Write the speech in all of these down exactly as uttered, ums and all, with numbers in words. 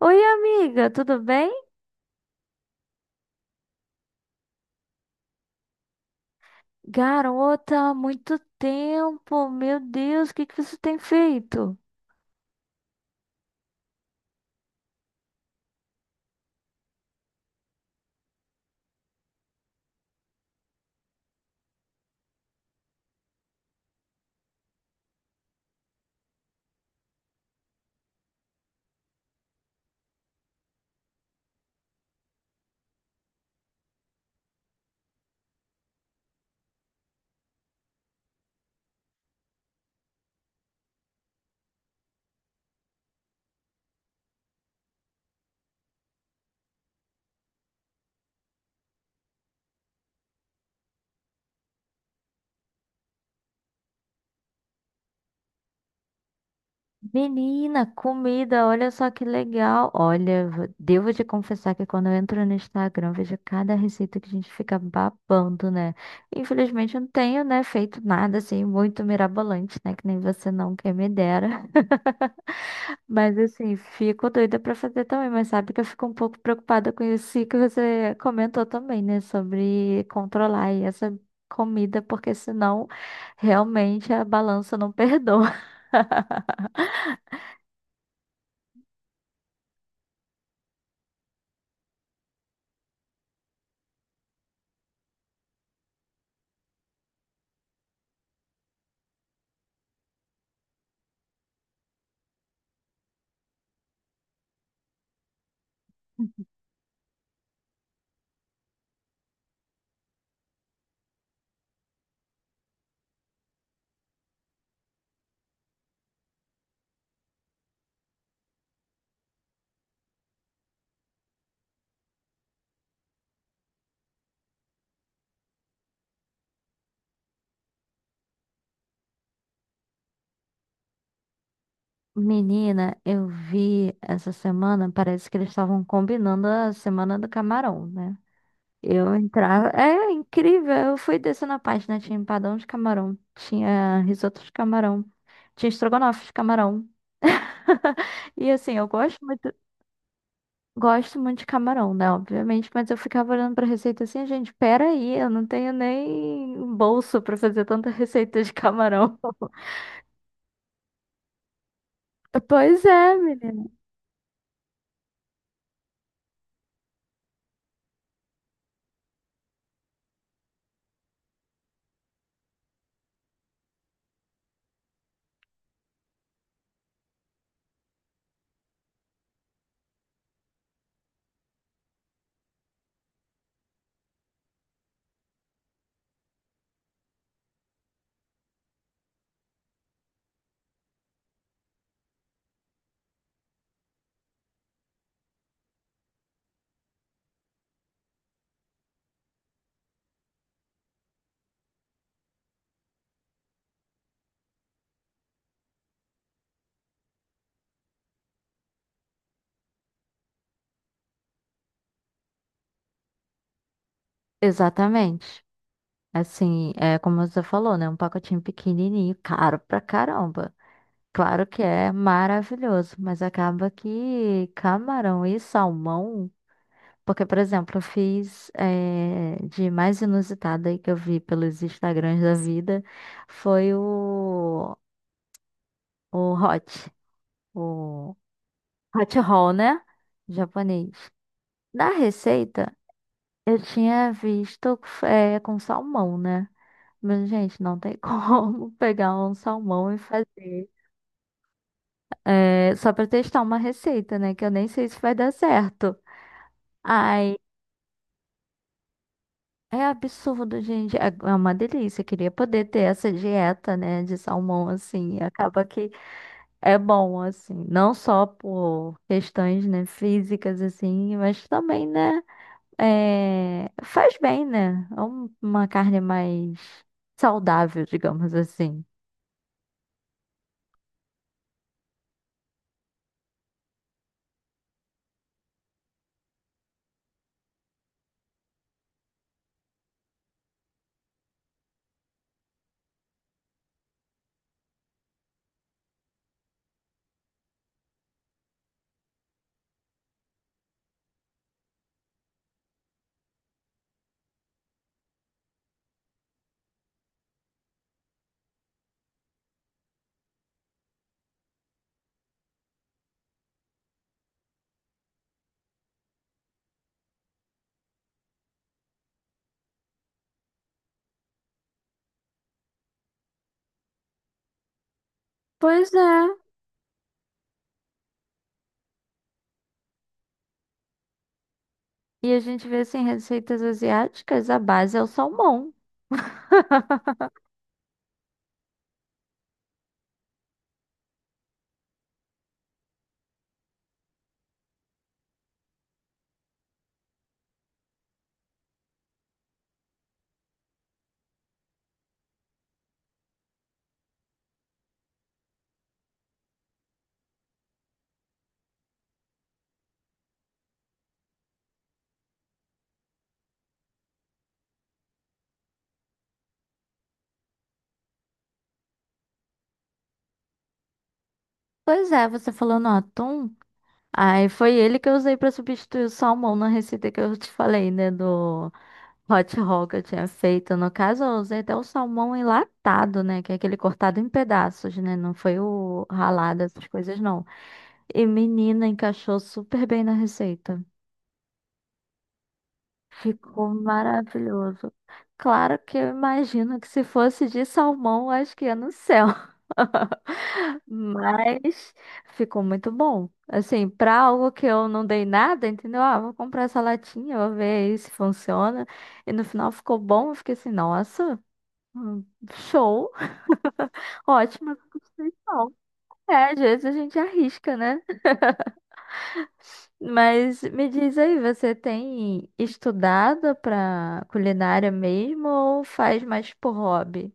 Oi, amiga, tudo bem? Garota, há muito tempo. Meu Deus, o que que você tem feito? Menina, comida, olha só que legal. Olha, v- devo te confessar que quando eu entro no Instagram, eu vejo cada receita que a gente fica babando, né? Infelizmente, eu não tenho, né, feito nada assim muito mirabolante, né? Que nem você não, quem me dera. Mas assim, fico doida pra fazer também, mas sabe que eu fico um pouco preocupada com isso que você comentou também, né? Sobre controlar aí essa comida, porque senão realmente a balança não perdoa. Menina, eu vi essa semana, parece que eles estavam combinando a semana do camarão, né? Eu entrava. É incrível, eu fui descendo a página, tinha empadão de camarão, tinha risoto de camarão, tinha estrogonofe de camarão. E assim, eu gosto muito. Gosto muito de camarão, né? Obviamente, mas eu ficava olhando pra receita assim, gente, pera aí, eu não tenho nem bolso pra fazer tanta receita de camarão. Pois é, menina. Exatamente. Assim, é como você falou, né? Um pacotinho pequenininho, caro pra caramba. Claro que é maravilhoso, mas acaba que camarão e salmão. Porque, por exemplo, eu fiz eh, de mais inusitada aí que eu vi pelos Instagrams da vida foi o o hot, o hot roll, né? Japonês. Na receita, eu tinha visto é, com salmão, né? Mas, gente, não tem como pegar um salmão e fazer. É, só pra testar uma receita, né? Que eu nem sei se vai dar certo. Ai, é absurdo, gente. É é uma delícia. Eu queria poder ter essa dieta, né? De salmão, assim. Acaba que é bom, assim. Não só por questões, né? Físicas, assim. Mas também, né? É, faz bem, né? É um- uma carne mais saudável, digamos assim. Pois é. E a gente vê assim, receitas asiáticas, a base é o salmão. Pois é, você falou no atum. Aí foi ele que eu usei pra substituir o salmão na receita que eu te falei, né? Do hot roll que eu tinha feito. No caso, eu usei até o salmão enlatado, né? Que é aquele cortado em pedaços, né? Não foi o ralado, essas coisas, não. E menina, encaixou super bem na receita. Ficou maravilhoso. Claro que eu imagino que se fosse de salmão, acho que ia no céu. Mas ficou muito bom. Assim, pra algo que eu não dei nada, entendeu? Ah, vou comprar essa latinha, vou ver aí se funciona. E no final ficou bom. Eu fiquei assim, nossa, hum, show, ótima construção. É, às vezes a gente arrisca, né? Mas me diz aí, você tem estudado pra culinária mesmo ou faz mais por hobby?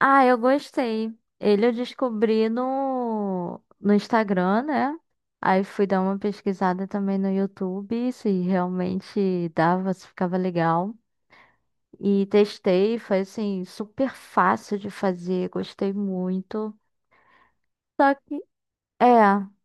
Ah, eu gostei. Ele eu descobri no, no Instagram, né? Aí fui dar uma pesquisada também no YouTube, se realmente dava, se ficava legal. E testei, foi assim, super fácil de fazer, gostei muito. É,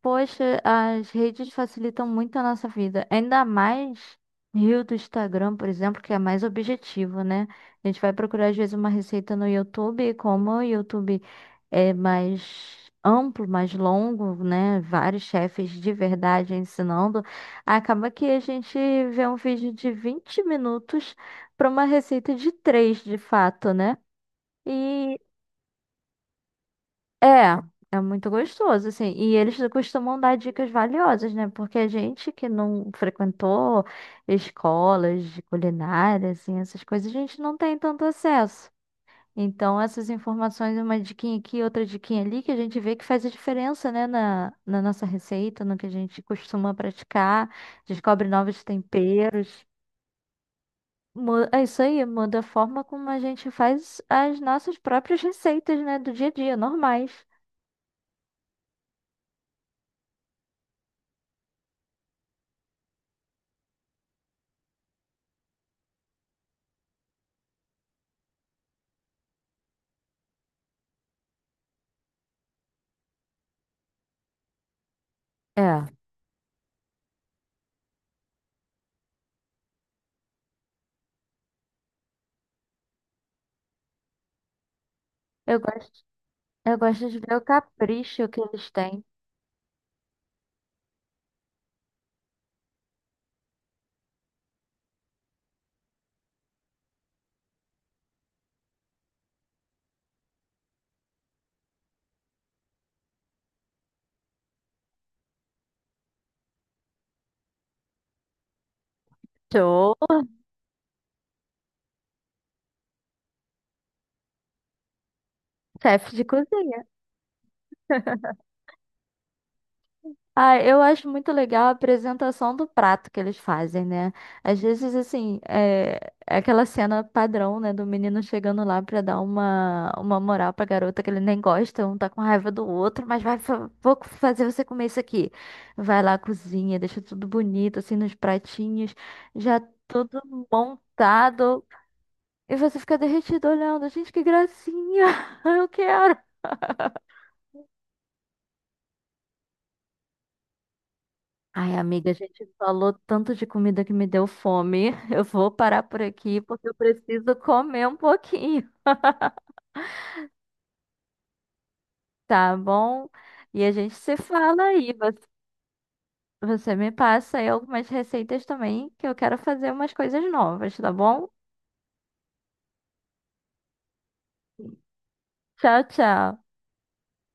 poxa, as redes facilitam muito a nossa vida. Ainda mais Rio do Instagram, por exemplo, que é mais objetivo, né? A gente vai procurar às vezes uma receita no YouTube, e como o YouTube é mais amplo, mais longo, né? Vários chefes de verdade ensinando. Acaba que a gente vê um vídeo de vinte minutos para uma receita de três, de fato, né? É, é muito gostoso, assim. E eles costumam dar dicas valiosas, né? Porque a gente que não frequentou escolas de culinária, assim, essas coisas, a gente não tem tanto acesso. Então, essas informações, uma diquinha aqui, outra diquinha ali, que a gente vê que faz a diferença, né, na, na nossa receita, no que a gente costuma praticar, descobre novos temperos. Mu- É isso aí, muda a forma como a gente faz as nossas próprias receitas, né, do dia a dia, normais. É. Eu gosto. Eu gosto de ver o capricho que eles têm. Sou chefe de cozinha. Ah, eu acho muito legal a apresentação do prato que eles fazem, né? Às vezes, assim, é é aquela cena padrão, né? Do menino chegando lá pra dar uma, uma moral pra garota que ele nem gosta, um tá com raiva do outro, mas vai, fa- vou fazer você comer isso aqui. Vai lá, cozinha, deixa tudo bonito, assim, nos pratinhos, já tudo montado. E você fica derretido olhando. Gente, que gracinha! Eu quero! Ai, amiga, a gente falou tanto de comida que me deu fome. Eu vou parar por aqui porque eu preciso comer um pouquinho, tá bom? E a gente se fala aí. Vo- Você me passa aí algumas receitas também, que eu quero fazer umas coisas novas, tá bom? Tchau, tchau.